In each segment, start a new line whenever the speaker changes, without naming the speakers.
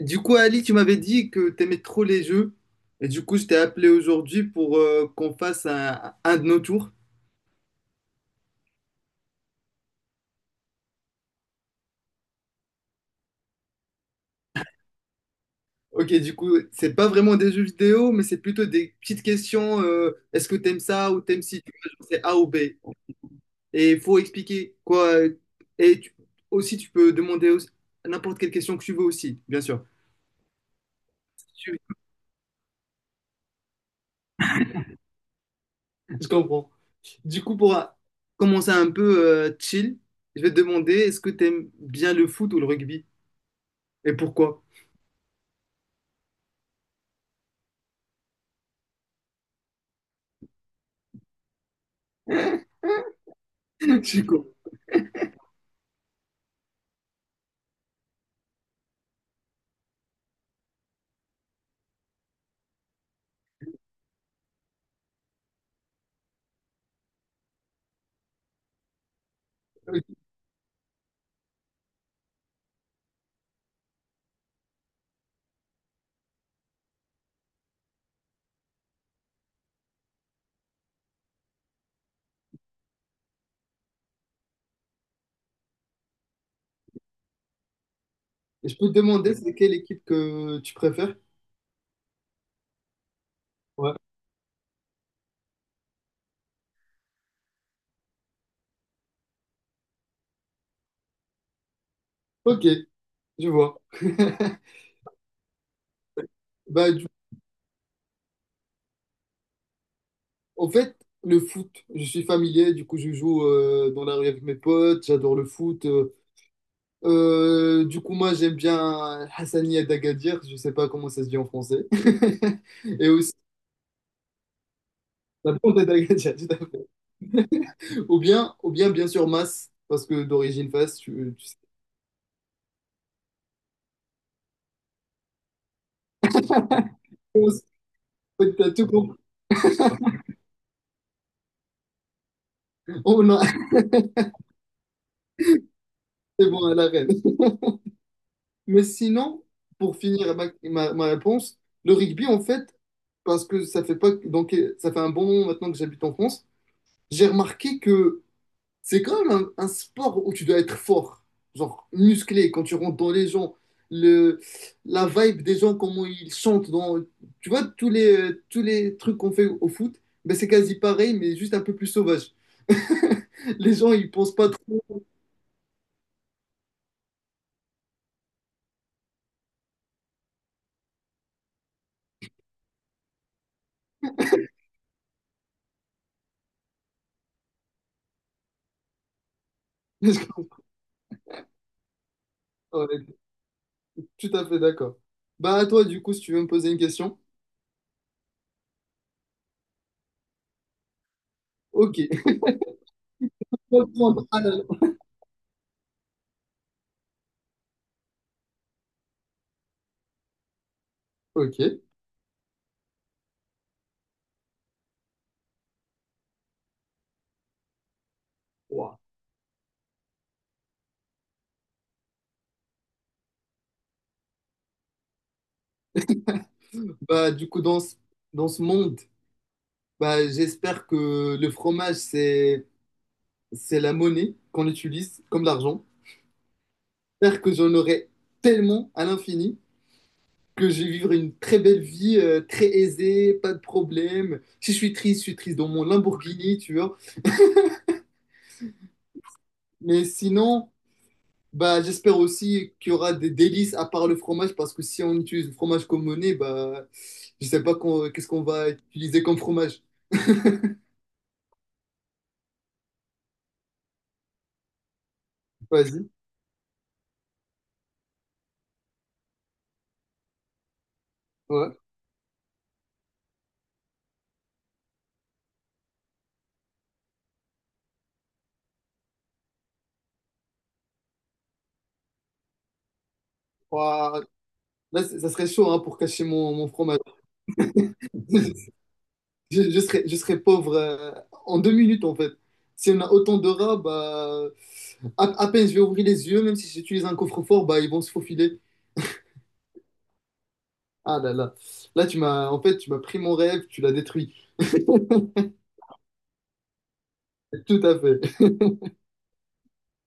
Du coup, Ali, tu m'avais dit que t'aimais trop les jeux. Et du coup, je t'ai appelé aujourd'hui pour qu'on fasse un de nos tours. Ok, du coup, c'est pas vraiment des jeux vidéo, mais c'est plutôt des petites questions. Est-ce que t'aimes ça ou t'aimes si tu vois, genre, c'est A ou B? Et il faut expliquer quoi. Et tu- Aussi, tu peux demander n'importe quelle question que tu veux aussi, bien sûr. Tu- Je comprends. Du coup, pour commencer un peu chill, je vais te demander, est-ce que t'aimes bien le foot ou le rugby? Et pourquoi? Je suis con. Ok. Et je peux te demander, c'est quelle équipe que tu préfères? Ouais. Ok, je vois. Bah, du- En fait, le foot, je suis familier, du coup, je joue dans la rue avec mes potes, j'adore le foot. Du coup, moi, j'aime bien Hassania d'Agadir, je sais pas comment ça se dit en français. Et aussi, la bande d'Agadir, tout à fait. Ou bien, bien sûr, Mas, parce que d'origine Fas, tu sais. En fait, t'as tout compris. Oh non, c'est bon, à la reine. Mais sinon, pour finir ma réponse, le rugby, en fait, parce que ça fait pas, donc, ça fait un bon moment maintenant que j'habite en France, j'ai remarqué que c'est quand même un sport où tu dois être fort, genre musclé, quand tu rentres dans les gens, le, la vibe des gens, comment ils chantent, dans, tu vois, tous les trucs qu'on fait au foot, ben c'est quasi pareil, mais juste un peu plus sauvage. Les gens, ils pensent pas trop. Ouais, tout à fait d'accord. Bah, à toi, du coup, si tu veux me poser une question. Ok. Reprendre à la- Ok. Ouah. Bah, du coup, dans ce monde, bah, j'espère que le fromage, c'est la monnaie qu'on utilise comme l'argent. J'espère que j'en aurai tellement à l'infini que je vais vivre une très belle vie, très aisée, pas de problème. Si je suis triste, je suis triste dans mon Lamborghini, tu vois. Mais sinon, bah, j'espère aussi qu'il y aura des délices à part le fromage parce que si on utilise le fromage comme monnaie, bah, je sais pas qu'est-ce qu'on va utiliser comme fromage. Vas-y. Ouais. Ouah. Là, ça serait chaud hein, pour cacher mon fromage. Je serais pauvre en deux minutes en fait. Si on a autant de rats, bah, à peine je vais ouvrir les yeux, même si j'utilise un coffre-fort, bah, ils vont se faufiler. Ah là là. Là, tu m'as, en fait, tu m'as pris mon rêve, tu l'as détruit. Tout à fait.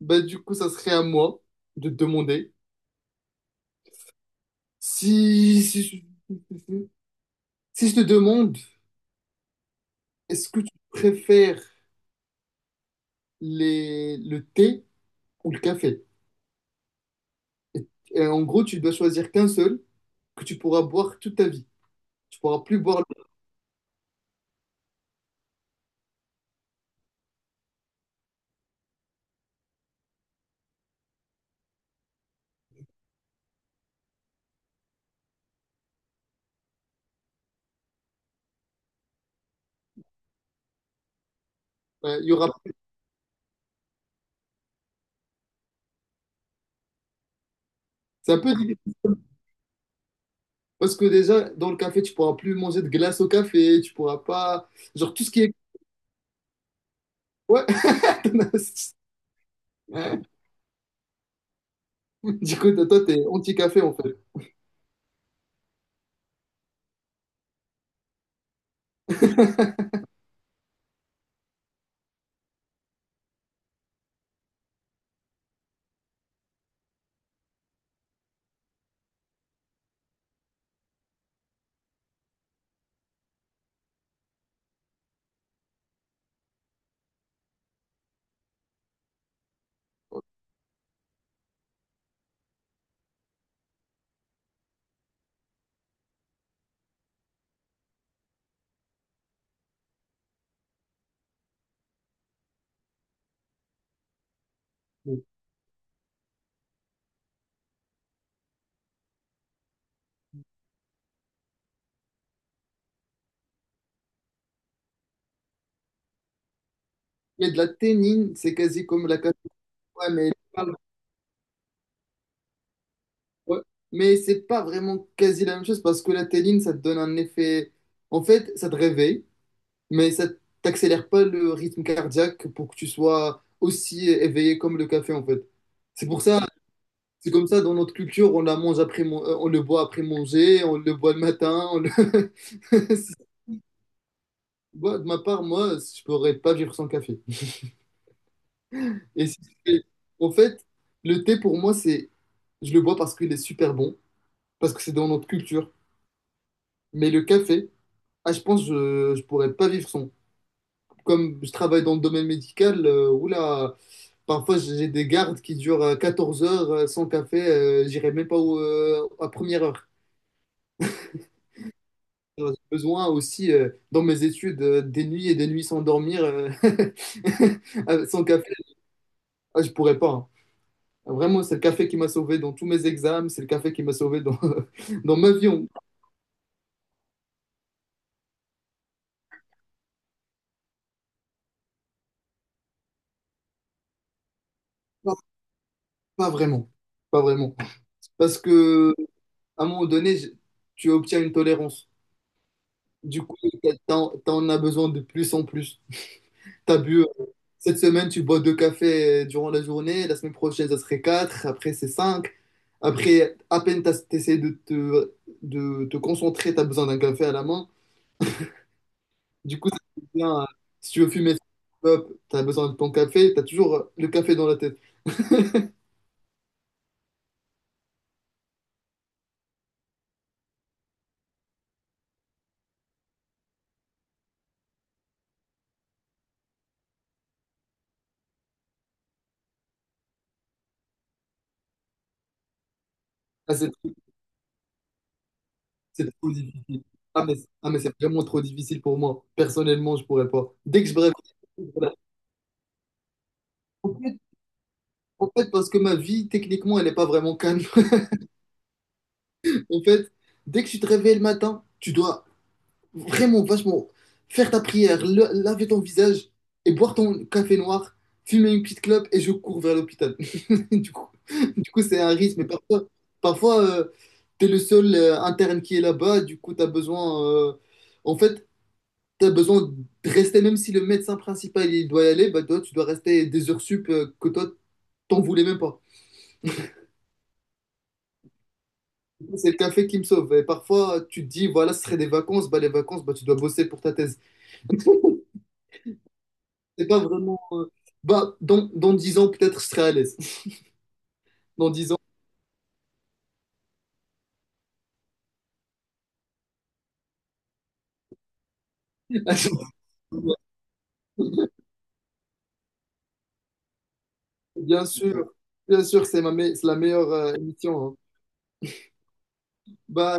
Bah, du coup, ça serait à moi de te demander si, si, si si je te demande, est-ce que tu préfères le thé ou le café? Et, et en gros, tu dois choisir qu'un seul que tu pourras boire toute ta vie. Tu pourras plus boire. Il y aura. C'est un peu difficile parce que déjà, dans le café, tu pourras plus manger de glace au café. Tu pourras pas. Genre, tout ce qui est. Ouais. Du coup, toi, t'es anti-café en fait. Il y a de la ténine, c'est quasi comme la caféine. Ouais, mais, ouais. Mais c'est pas vraiment quasi la même chose parce que la ténine, ça te donne un effet. En fait, ça te réveille, mais ça t'accélère pas le rythme cardiaque pour que tu sois aussi éveillé comme le café en fait. C'est pour ça, c'est comme ça dans notre culture, on la mange après, on le boit après manger, on le boit le matin. Moi, de ma part, moi, je pourrais pas vivre sans café. Et si- Et en fait, le thé pour moi, je le bois parce qu'il est super bon, parce que c'est dans notre culture. Mais le café, ah, je pense, que je pourrais pas vivre sans. Comme je travaille dans le domaine médical, oula. Parfois, j'ai des gardes qui durent 14 heures sans café. J'irai même pas à première heure. J'ai besoin aussi, dans mes études, des nuits et des nuits sans dormir. Sans café, ah, je pourrais pas, hein. Vraiment, c'est le café qui m'a sauvé dans tous mes examens. C'est le café qui m'a sauvé dans, dans ma vie. Pas, pas vraiment. Pas vraiment. Parce que, à un moment donné, tu obtiens une tolérance. Du coup, t'en as besoin de plus en plus. T'as bu. Cette semaine, tu bois deux cafés durant la journée. La semaine prochaine, ça serait quatre. Après, c'est cinq. Après, à peine tu essaies de te concentrer, tu as besoin d'un café à la main. Du coup, ça devient, si tu veux fumer, tu as besoin de ton café. Tu as toujours le café dans la tête. Ah, c'est trop c'est trop difficile. Ah, mais, ah, mais c'est vraiment trop difficile pour moi. Personnellement, je pourrais pas. Dès que je, bref. En fait, en fait, parce que ma vie, techniquement, elle n'est pas vraiment calme. En fait, dès que tu te réveilles le matin, tu dois, vraiment, vachement, faire ta prière, laver ton visage et boire ton café noir, fumer une petite clope et je cours vers l'hôpital. Du coup, du coup, c'est un risque. Mais parfois t'es le seul interne qui est là-bas. Du coup, t'as besoin. En fait, t'as besoin de rester, même si le médecin principal il doit y aller, bah, toi, tu dois rester des heures sup que toi, t'en voulais même pas. C'est le café qui me sauve. Et parfois, tu te dis, voilà, ce serait des vacances. Bah, les vacances, bah, tu dois bosser pour ta thèse. C'est pas vraiment. Bah, dans 10 ans, peut-être je serai à l'aise. Dans 10 ans, bien sûr, bien sûr, c'est la meilleure émission, hein. Bah,